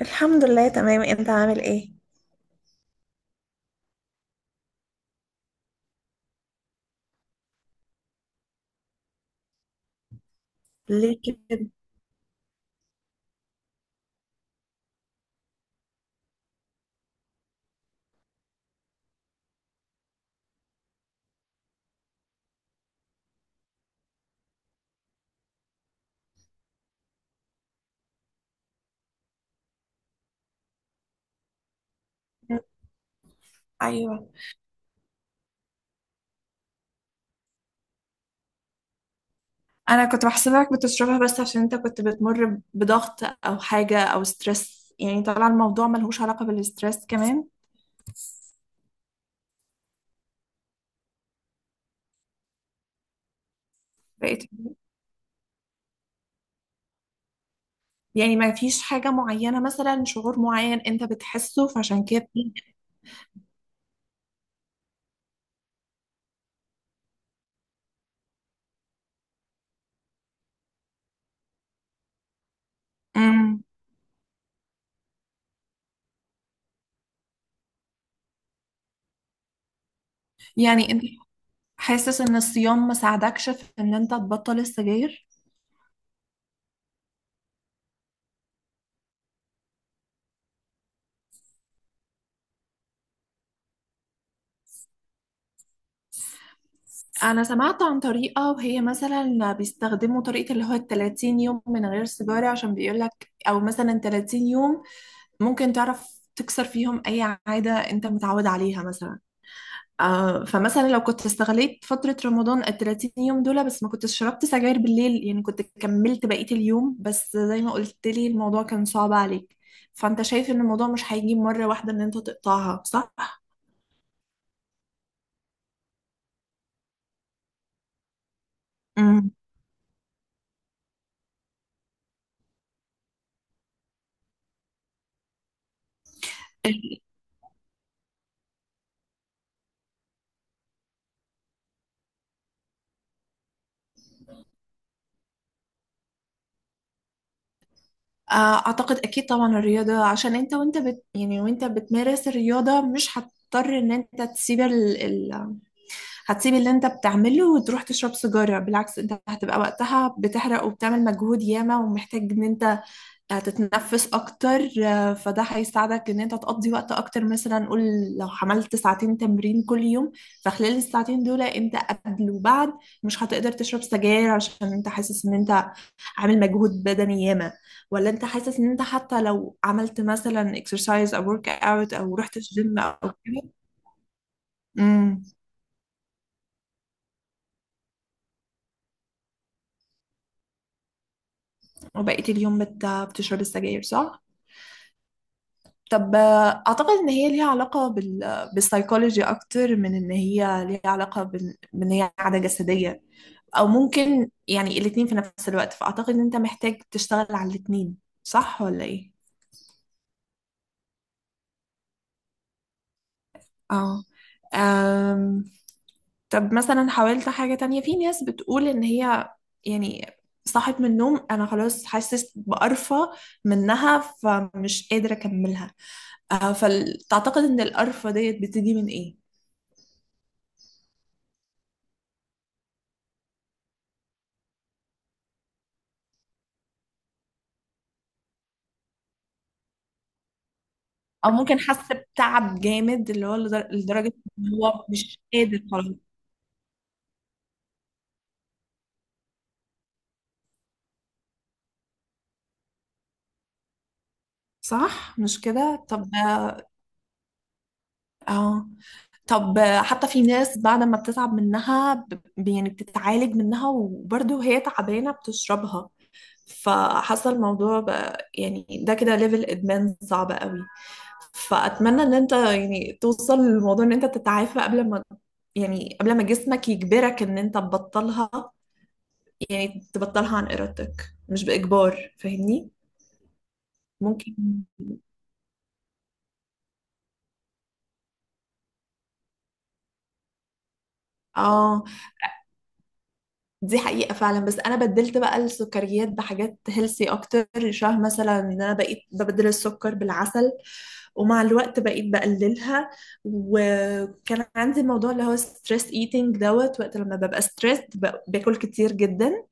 الحمد لله، تمام. انت عامل ايه؟ ليه؟ كده؟ أيوة. أنا كنت بحسبك بتشربها بس عشان أنت كنت بتمر بضغط أو حاجة أو ستريس، يعني طلع الموضوع ملهوش علاقة بالستريس كمان. بقيت، يعني ما فيش حاجة معينة مثلا شعور معين أنت بتحسه فعشان كده؟ امم. يعني أنت حاسس إن الصيام ما ساعدكش في إن أنت تبطل السجاير؟ أنا سمعت عن طريقة، وهي مثلا بيستخدموا طريقة اللي هو الـ30 يوم من غير سيجارة، عشان بيقولك أو مثلا 30 يوم ممكن تعرف تكسر فيهم أي عادة أنت متعود عليها مثلا. فمثلا لو كنت استغليت فترة رمضان الـ30 يوم دول، بس ما كنتش شربت سجاير بالليل، يعني كنت كملت بقية اليوم. بس زي ما قلت لي الموضوع كان صعب عليك. فأنت شايف إن الموضوع مش هيجي مرة واحدة إن أنت تقطعها، صح؟ مم. اعتقد اكيد طبعا الرياضة، عشان انت وانت بت يعني وانت بتمارس الرياضة مش هتضطر ان انت تسيب هتسيب اللي انت بتعمله وتروح تشرب سيجارة. بالعكس انت هتبقى وقتها بتحرق وبتعمل مجهود ياما، ومحتاج ان انت هتتنفس اكتر. فده هيساعدك ان انت تقضي وقت اكتر. مثلا قول لو عملت ساعتين تمرين كل يوم، فخلال الساعتين دول انت قبل وبعد مش هتقدر تشرب سجاير، عشان انت حاسس ان انت عامل مجهود بدني ياما. ولا انت حاسس ان انت حتى لو عملت مثلا اكسرسايز او ورك اوت او رحت الجيم او كده؟ امم. وبقيت اليوم بتشرب السجاير، صح؟ طب، اعتقد ان هي ليها علاقه بالسايكولوجي اكتر من ان هي ليها علاقه بان هي عاده جسديه. او ممكن يعني الاتنين في نفس الوقت، فاعتقد ان انت محتاج تشتغل على الاتنين. صح ولا ايه؟ اه. أم... طب مثلا حاولت حاجه تانية؟ في ناس بتقول ان هي يعني صحت من النوم انا خلاص حاسس بقرفه منها فمش قادره اكملها. فتعتقد ان القرفه ديت بتيجي من ايه؟ او ممكن حاسه بتعب جامد اللي هو لدرجه ان هو مش قادر خلاص. صح مش كده؟ طب، اه، طب حتى في ناس بعد ما بتتعب منها يعني بتتعالج منها وبرضه وهي تعبانه بتشربها. فحصل الموضوع بقى، يعني ده كده ليفل ادمان صعب قوي. فاتمنى ان انت يعني توصل للموضوع ان انت تتعافى قبل ما، يعني قبل ما جسمك يجبرك ان انت تبطلها. يعني تبطلها عن إرادتك مش بإجبار، فاهمني؟ ممكن. اه. دي حقيقة فعلا، بس أنا بدلت بقى السكريات بحاجات هيلسي أكتر. شبه مثلا إن أنا بقيت ببدل السكر بالعسل، ومع الوقت بقيت بقللها. وكان عندي الموضوع اللي هو ستريس ايتينج دوت وقت لما ببقى ستريس باكل كتير جدا.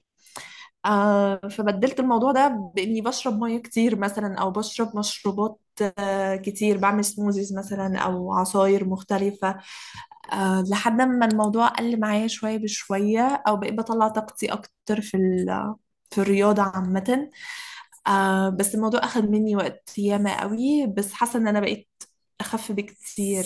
فبدلت الموضوع ده بإني بشرب مية كتير، مثلا أو بشرب مشروبات كتير. بعمل سموزيز مثلا أو عصاير مختلفة. لحد ما الموضوع قل معايا شوية بشوية، أو بقيت بطلع طاقتي أكتر في الرياضة عامة. بس الموضوع أخد مني وقت ياما قوي، بس حاسة إن أنا بقيت أخف بكتير.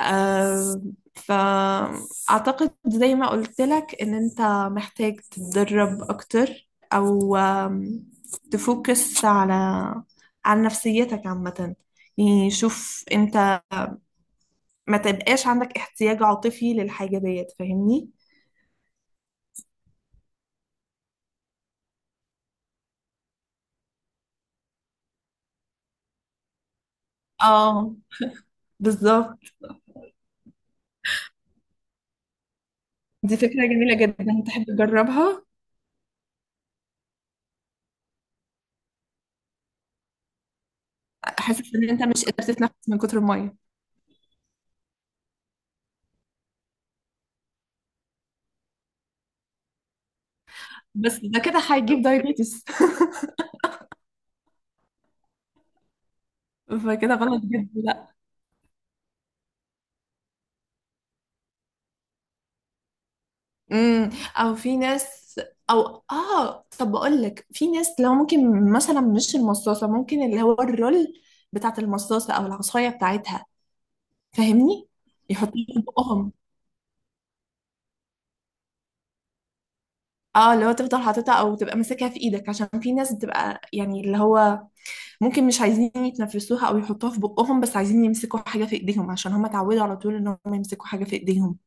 آه، فأعتقد زي ما قلت لك إن أنت محتاج تتدرب أكتر، أو آم، تفوكس على نفسيتك عامة. يعني شوف أنت ما تبقاش عندك احتياج عاطفي للحاجة ديت، فاهمني؟ اه، بالظبط. دي فكرة جميلة جدا، تحب تجربها؟ حاسس إن أنت مش قادر تتنفس من كتر المية. بس ده كده هيجيب دايبيتس فكده غلط جدا. امم. او في ناس او اه طب بقول لك، في ناس لو ممكن مثلا مش المصاصه، ممكن اللي هو الرول بتاعت المصاصه او العصايه بتاعتها، فاهمني؟ يحطوها في بقهم. اه، اللي هو تفضل حاططها او تبقى ماسكها في ايدك. عشان في ناس بتبقى يعني اللي هو ممكن مش عايزين يتنفسوها او يحطوها في بقهم، بس عايزين يمسكوا حاجه في ايديهم، عشان هم اتعودوا على طول ان هم يمسكوا حاجه في ايديهم.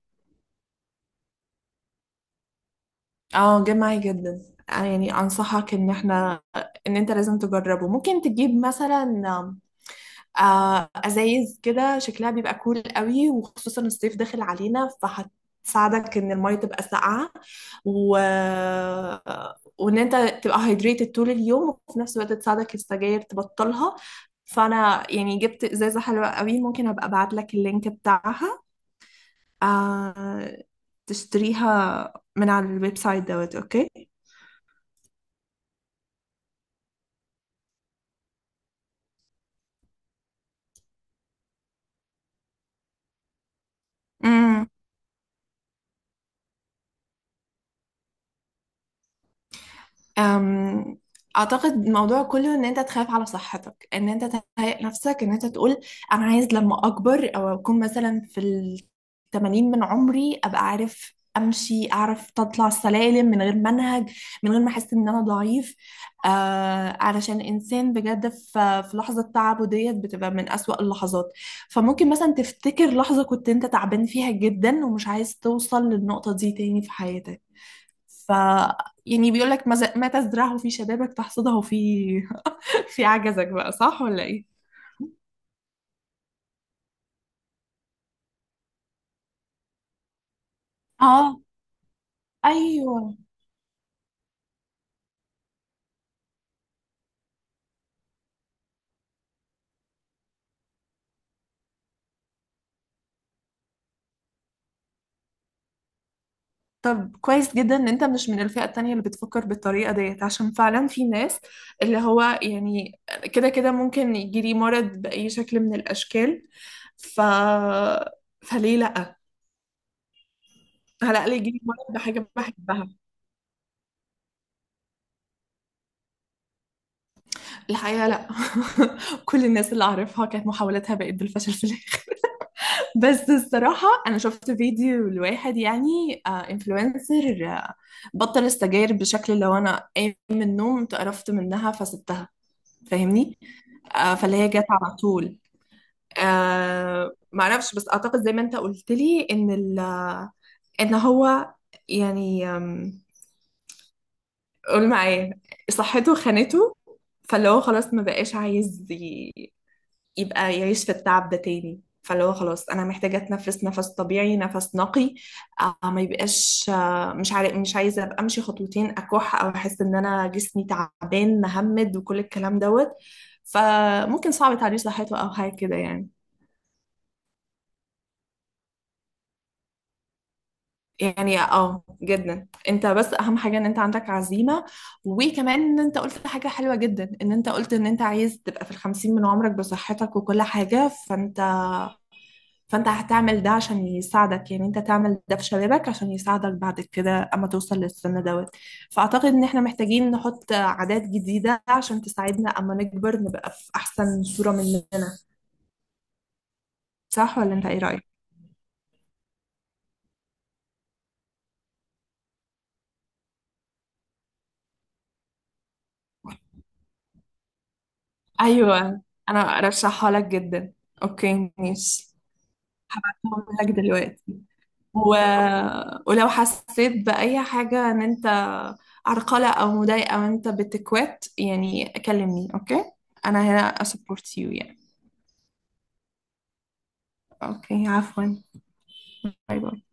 اه، جه معايا جدا. أنا يعني انصحك ان انت لازم تجربه. ممكن تجيب مثلا ازايز كده شكلها بيبقى كول قوي، وخصوصا الصيف داخل علينا، فهتساعدك ان المية تبقى ساقعة و... وان انت تبقى هايدريتد طول اليوم، وفي نفس الوقت تساعدك السجاير تبطلها. فانا يعني جبت ازازة حلوة قوي، ممكن ابقى ابعت لك اللينك بتاعها. آه، تشتريها من على الويب سايت دوت اوكي. أم، اعتقد الموضوع كله ان انت تخاف على صحتك، ان انت تهيئ نفسك، ان انت تقول انا عايز لما اكبر او اكون مثلا في الـ80 من عمري ابقى عارف امشي، اعرف اطلع السلالم من غير منهج، من غير ما احس ان انا ضعيف. علشان انسان بجد في لحظه تعبه ديت بتبقى من اسوأ اللحظات. فممكن مثلا تفتكر لحظه كنت انت تعبان فيها جدا، ومش عايز توصل للنقطه دي تاني في حياتك. ف يعني بيقول لك ما ما تزرعه في شبابك تحصده في في عجزك بقى، صح ولا ايه؟ اه، ايوه. طب كويس جدا ان انت مش من الفئة التانية اللي بتفكر بالطريقة ديت، عشان فعلا في ناس اللي هو يعني كده كده ممكن يجيلي مرض بأي شكل من الأشكال. ف فليه لأ؟ على الأقل يجيلي مرض بحاجة بحبها. الحقيقة لأ. كل الناس اللي أعرفها كانت محاولاتها بقت بالفشل في الآخر. بس الصراحة أنا شفت فيديو لواحد يعني انفلونسر بطل السجاير بشكل، لو أنا قايم من النوم اتقرفت منها فسبتها، فاهمني؟ فاللي هي جت على طول. معرفش، بس أعتقد زي ما أنت قلت لي إن ال آه، إن هو يعني قول معايا صحته خانته. فاللي هو خلاص ما بقاش عايز يبقى يعيش في التعب ده تاني. فاللي هو خلاص انا محتاجه اتنفس نفس طبيعي نفس نقي. ما يبقاش مش عارف، مش عايزه ابقى امشي خطوتين اكح، او احس ان انا جسمي تعبان مهمد وكل الكلام دوت. فممكن صعب تعديل صحته او حاجه كده يعني. يعني اه جدا، انت بس اهم حاجه ان انت عندك عزيمه. وكمان ان انت قلت حاجه حلوه جدا، ان انت قلت ان انت عايز تبقى في الـ50 من عمرك بصحتك وكل حاجه. فانت هتعمل ده عشان يساعدك، يعني انت تعمل ده في شبابك عشان يساعدك بعد كده اما توصل للسن دوت. فاعتقد ان احنا محتاجين نحط عادات جديدة عشان تساعدنا اما نكبر، نبقى في احسن صورة مننا. صح، ولا انت ايه رأيك؟ ايوه. انا ارشحها لك جدا. اوكي، ماشي. هبعتهم لك دلوقتي. و... ولو حسيت بأي حاجة ان انت عرقلة او مضايقة وانت بتكوت، يعني كلمني، اوكي. انا هنا اسبورت يو يعني. اوكي، عفوا. باي باي.